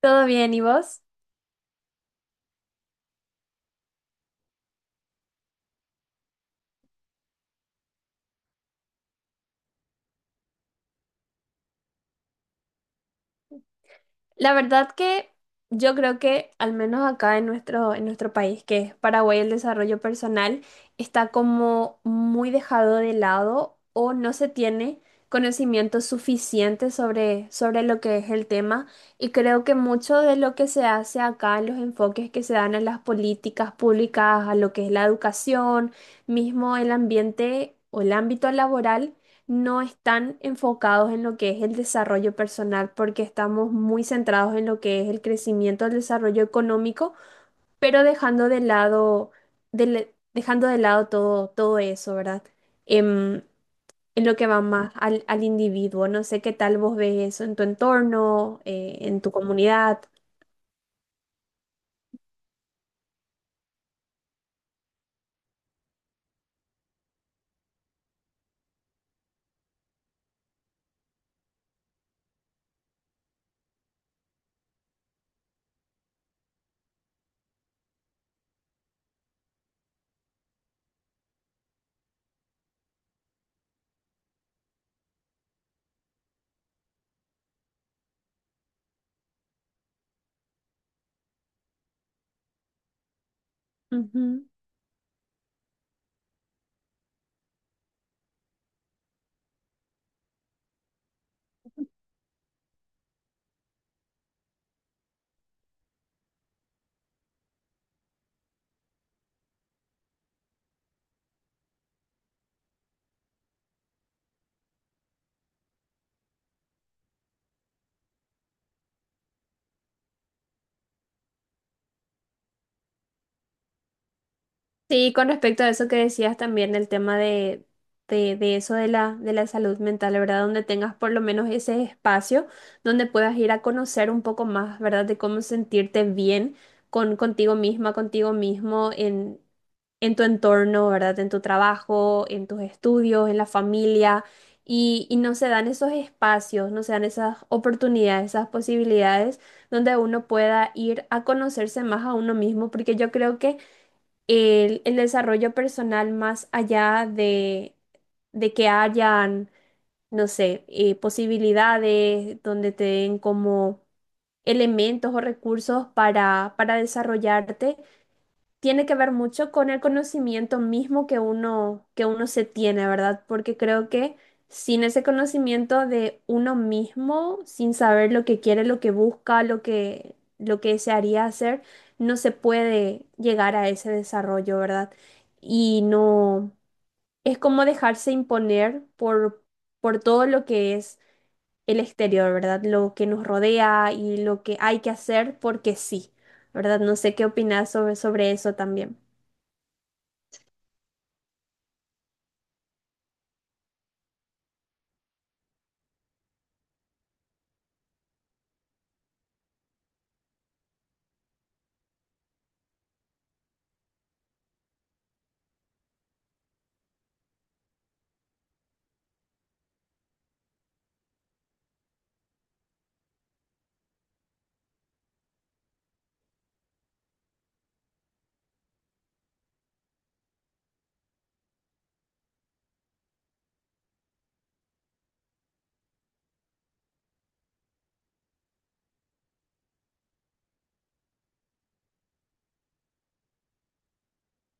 ¿Todo bien? ¿Y vos? La verdad que yo creo que al menos acá en nuestro país, que es Paraguay, el desarrollo personal está como muy dejado de lado o no se tiene conocimiento suficiente sobre lo que es el tema. Y creo que mucho de lo que se hace acá, los enfoques que se dan a las políticas públicas, a lo que es la educación, mismo el ambiente o el ámbito laboral no están enfocados en lo que es el desarrollo personal, porque estamos muy centrados en lo que es el crecimiento, el desarrollo económico, pero dejando de lado todo eso, ¿verdad? Em, en lo que va más al individuo. No sé qué tal vos ves eso en tu entorno, en tu comunidad. Sí, con respecto a eso que decías también, el tema de eso de de la salud mental, ¿verdad? Donde tengas por lo menos ese espacio donde puedas ir a conocer un poco más, ¿verdad? De cómo sentirte bien contigo misma, contigo mismo en tu entorno, ¿verdad? En tu trabajo, en tus estudios, en la familia. Y no se dan esos espacios, no se dan esas oportunidades, esas posibilidades donde uno pueda ir a conocerse más a uno mismo, porque yo creo que el desarrollo personal más allá de que hayan, no sé, posibilidades donde te den como elementos o recursos para desarrollarte, tiene que ver mucho con el conocimiento mismo que uno se tiene, ¿verdad? Porque creo que sin ese conocimiento de uno mismo, sin saber lo que quiere, lo que busca, lo que desearía hacer, no se puede llegar a ese desarrollo, ¿verdad? Y no, es como dejarse imponer por todo lo que es el exterior, ¿verdad? Lo que nos rodea y lo que hay que hacer porque sí, ¿verdad? No sé qué opinas sobre eso también.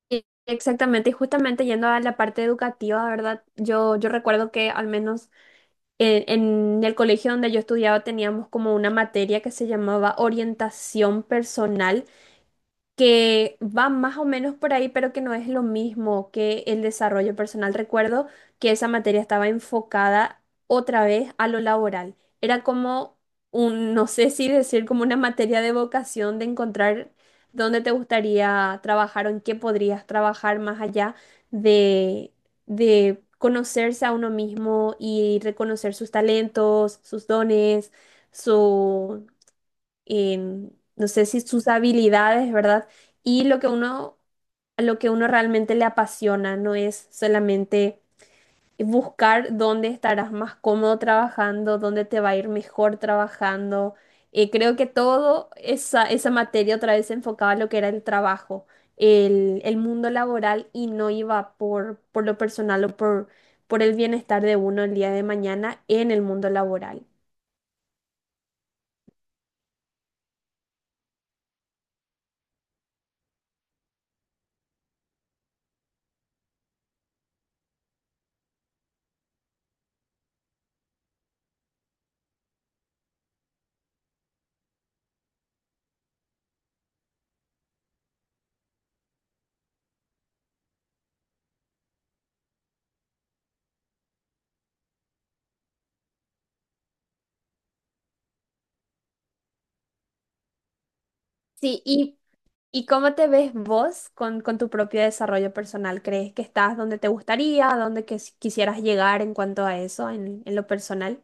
Exactamente, y justamente yendo a la parte educativa, ¿verdad? Yo recuerdo que al menos en, en el colegio donde yo estudiaba teníamos como una materia que se llamaba orientación personal que va más o menos por ahí, pero que no es lo mismo que el desarrollo personal. Recuerdo que esa materia estaba enfocada otra vez a lo laboral. Era como un, no sé si decir, como una materia de vocación, de encontrar dónde te gustaría trabajar o en qué podrías trabajar más allá de, de conocerse a uno mismo y reconocer sus talentos, sus dones, em, no sé si sus habilidades, ¿verdad? Y lo que uno realmente le apasiona, no es solamente buscar dónde estarás más cómodo trabajando, dónde te va a ir mejor trabajando. Creo que todo esa materia otra vez se enfocaba a lo que era el trabajo, el mundo laboral y no iba por lo personal por el bienestar de uno el día de mañana en el mundo laboral. Sí, y ¿y cómo te ves vos con tu propio desarrollo personal? ¿Crees que estás donde te gustaría, a que quisieras llegar en cuanto a eso, en lo personal?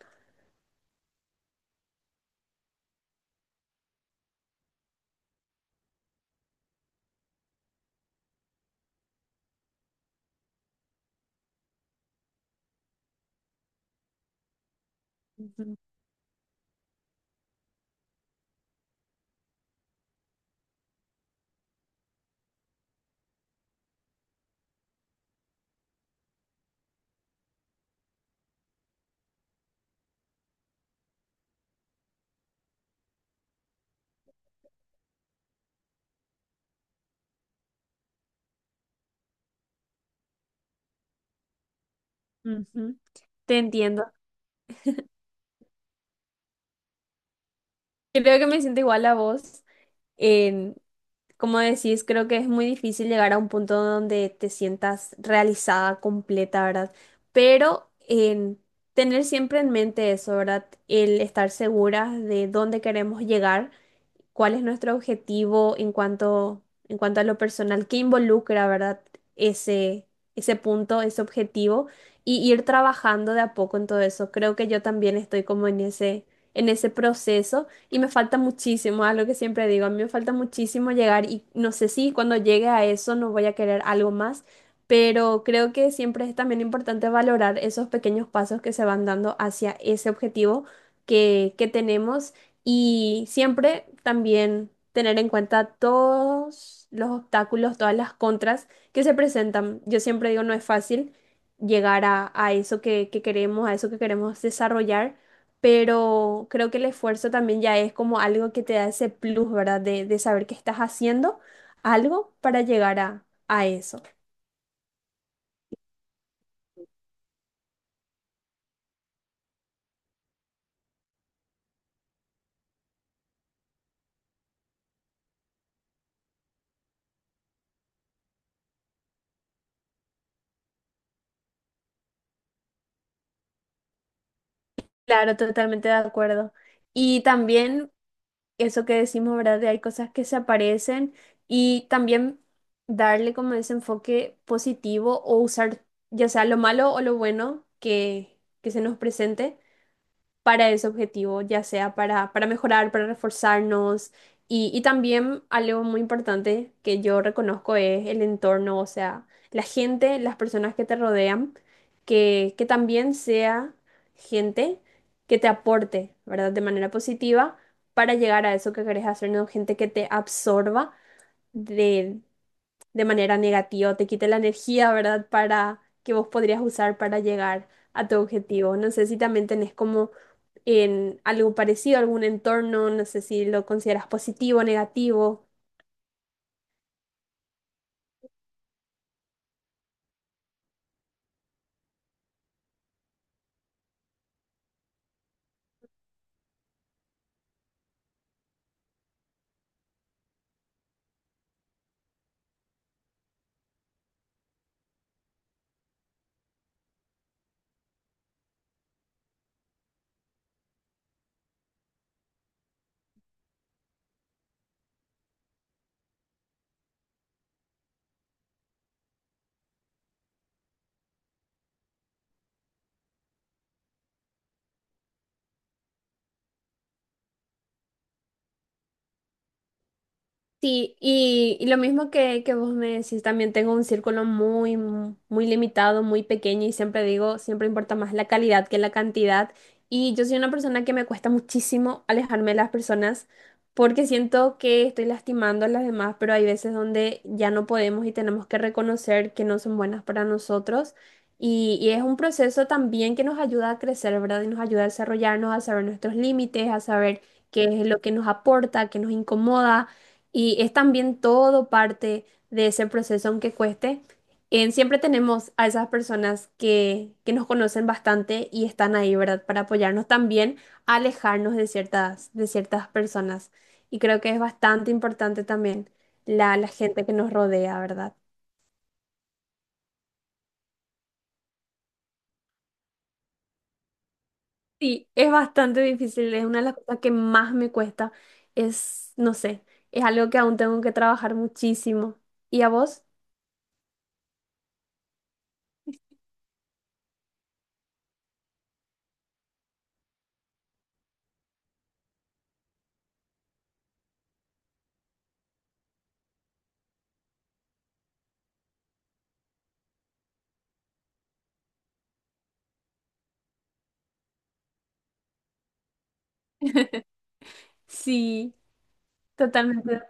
Ujú, ujú. Te entiendo. Creo que me siento igual a vos. En- Como decís, creo que es muy difícil llegar a un punto donde te sientas realizada, completa, ¿verdad? Pero en tener siempre en mente eso, ¿verdad? El estar segura de dónde queremos llegar, cuál es nuestro objetivo en cuanto a lo personal, qué involucra, ¿verdad? Ese, Ese punto, ese objetivo, y ir trabajando de a poco en todo eso. Creo que yo también estoy como en en ese proceso y me falta muchísimo, algo que siempre digo, a mí me falta muchísimo llegar y no sé si cuando llegue a eso no voy a querer algo más. Pero creo que siempre es también importante valorar esos pequeños pasos que se van dando hacia ese objetivo que tenemos y siempre también tener en cuenta todos los obstáculos, todas las contras que se presentan. Yo siempre digo, no es fácil llegar a eso que queremos, a eso que queremos desarrollar, pero creo que el esfuerzo también ya es como algo que te da ese plus, ¿verdad? De saber que estás haciendo algo para llegar a eso. Claro, totalmente de acuerdo. Y también eso que decimos, ¿verdad? De hay cosas que se aparecen y también darle como ese enfoque positivo o usar ya sea lo malo o lo bueno que se nos presente para ese objetivo, ya sea para mejorar, para reforzarnos. Y también algo muy importante que yo reconozco es el entorno, o sea, la gente, las personas que te rodean, que también sea gente que te aporte, ¿verdad? De manera positiva para llegar a eso que querés hacer, no gente que te absorba de de manera negativa, te quite la energía, ¿verdad? Para que vos podrías usar para llegar a tu objetivo. No sé si también tenés como en algo parecido, algún entorno, no sé si lo consideras positivo o negativo. Sí, y lo mismo que vos me decís, también tengo un círculo muy, muy limitado, muy pequeño y siempre digo, siempre importa más la calidad que la cantidad. Y yo soy una persona que me cuesta muchísimo alejarme de las personas porque siento que estoy lastimando a las demás, pero hay veces donde ya no podemos y tenemos que reconocer que no son buenas para nosotros. Y es un proceso también que nos ayuda a crecer, ¿verdad? Y nos ayuda a desarrollarnos, a saber nuestros límites, a saber qué es lo que nos aporta, qué nos incomoda. Y es también todo parte de ese proceso, aunque cueste. En, siempre tenemos a esas personas que nos conocen bastante y están ahí, ¿verdad? Para apoyarnos también a alejarnos de de ciertas personas. Y creo que es bastante importante también la gente que nos rodea, ¿verdad? Sí, es bastante difícil. Es una de las cosas que más me cuesta. Es, no sé, es algo que aún tengo que trabajar muchísimo. ¿Y a vos? Sí, totalmente.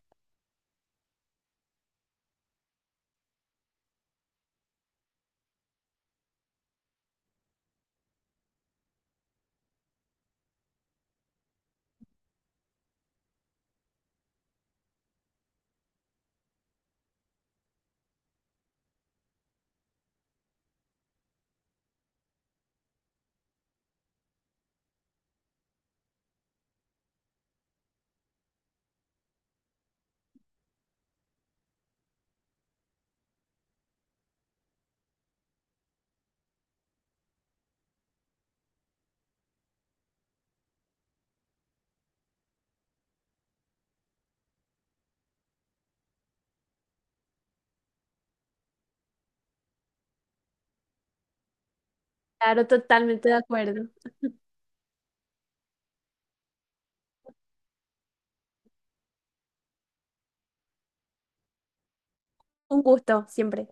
Claro, totalmente de acuerdo. Un gusto siempre.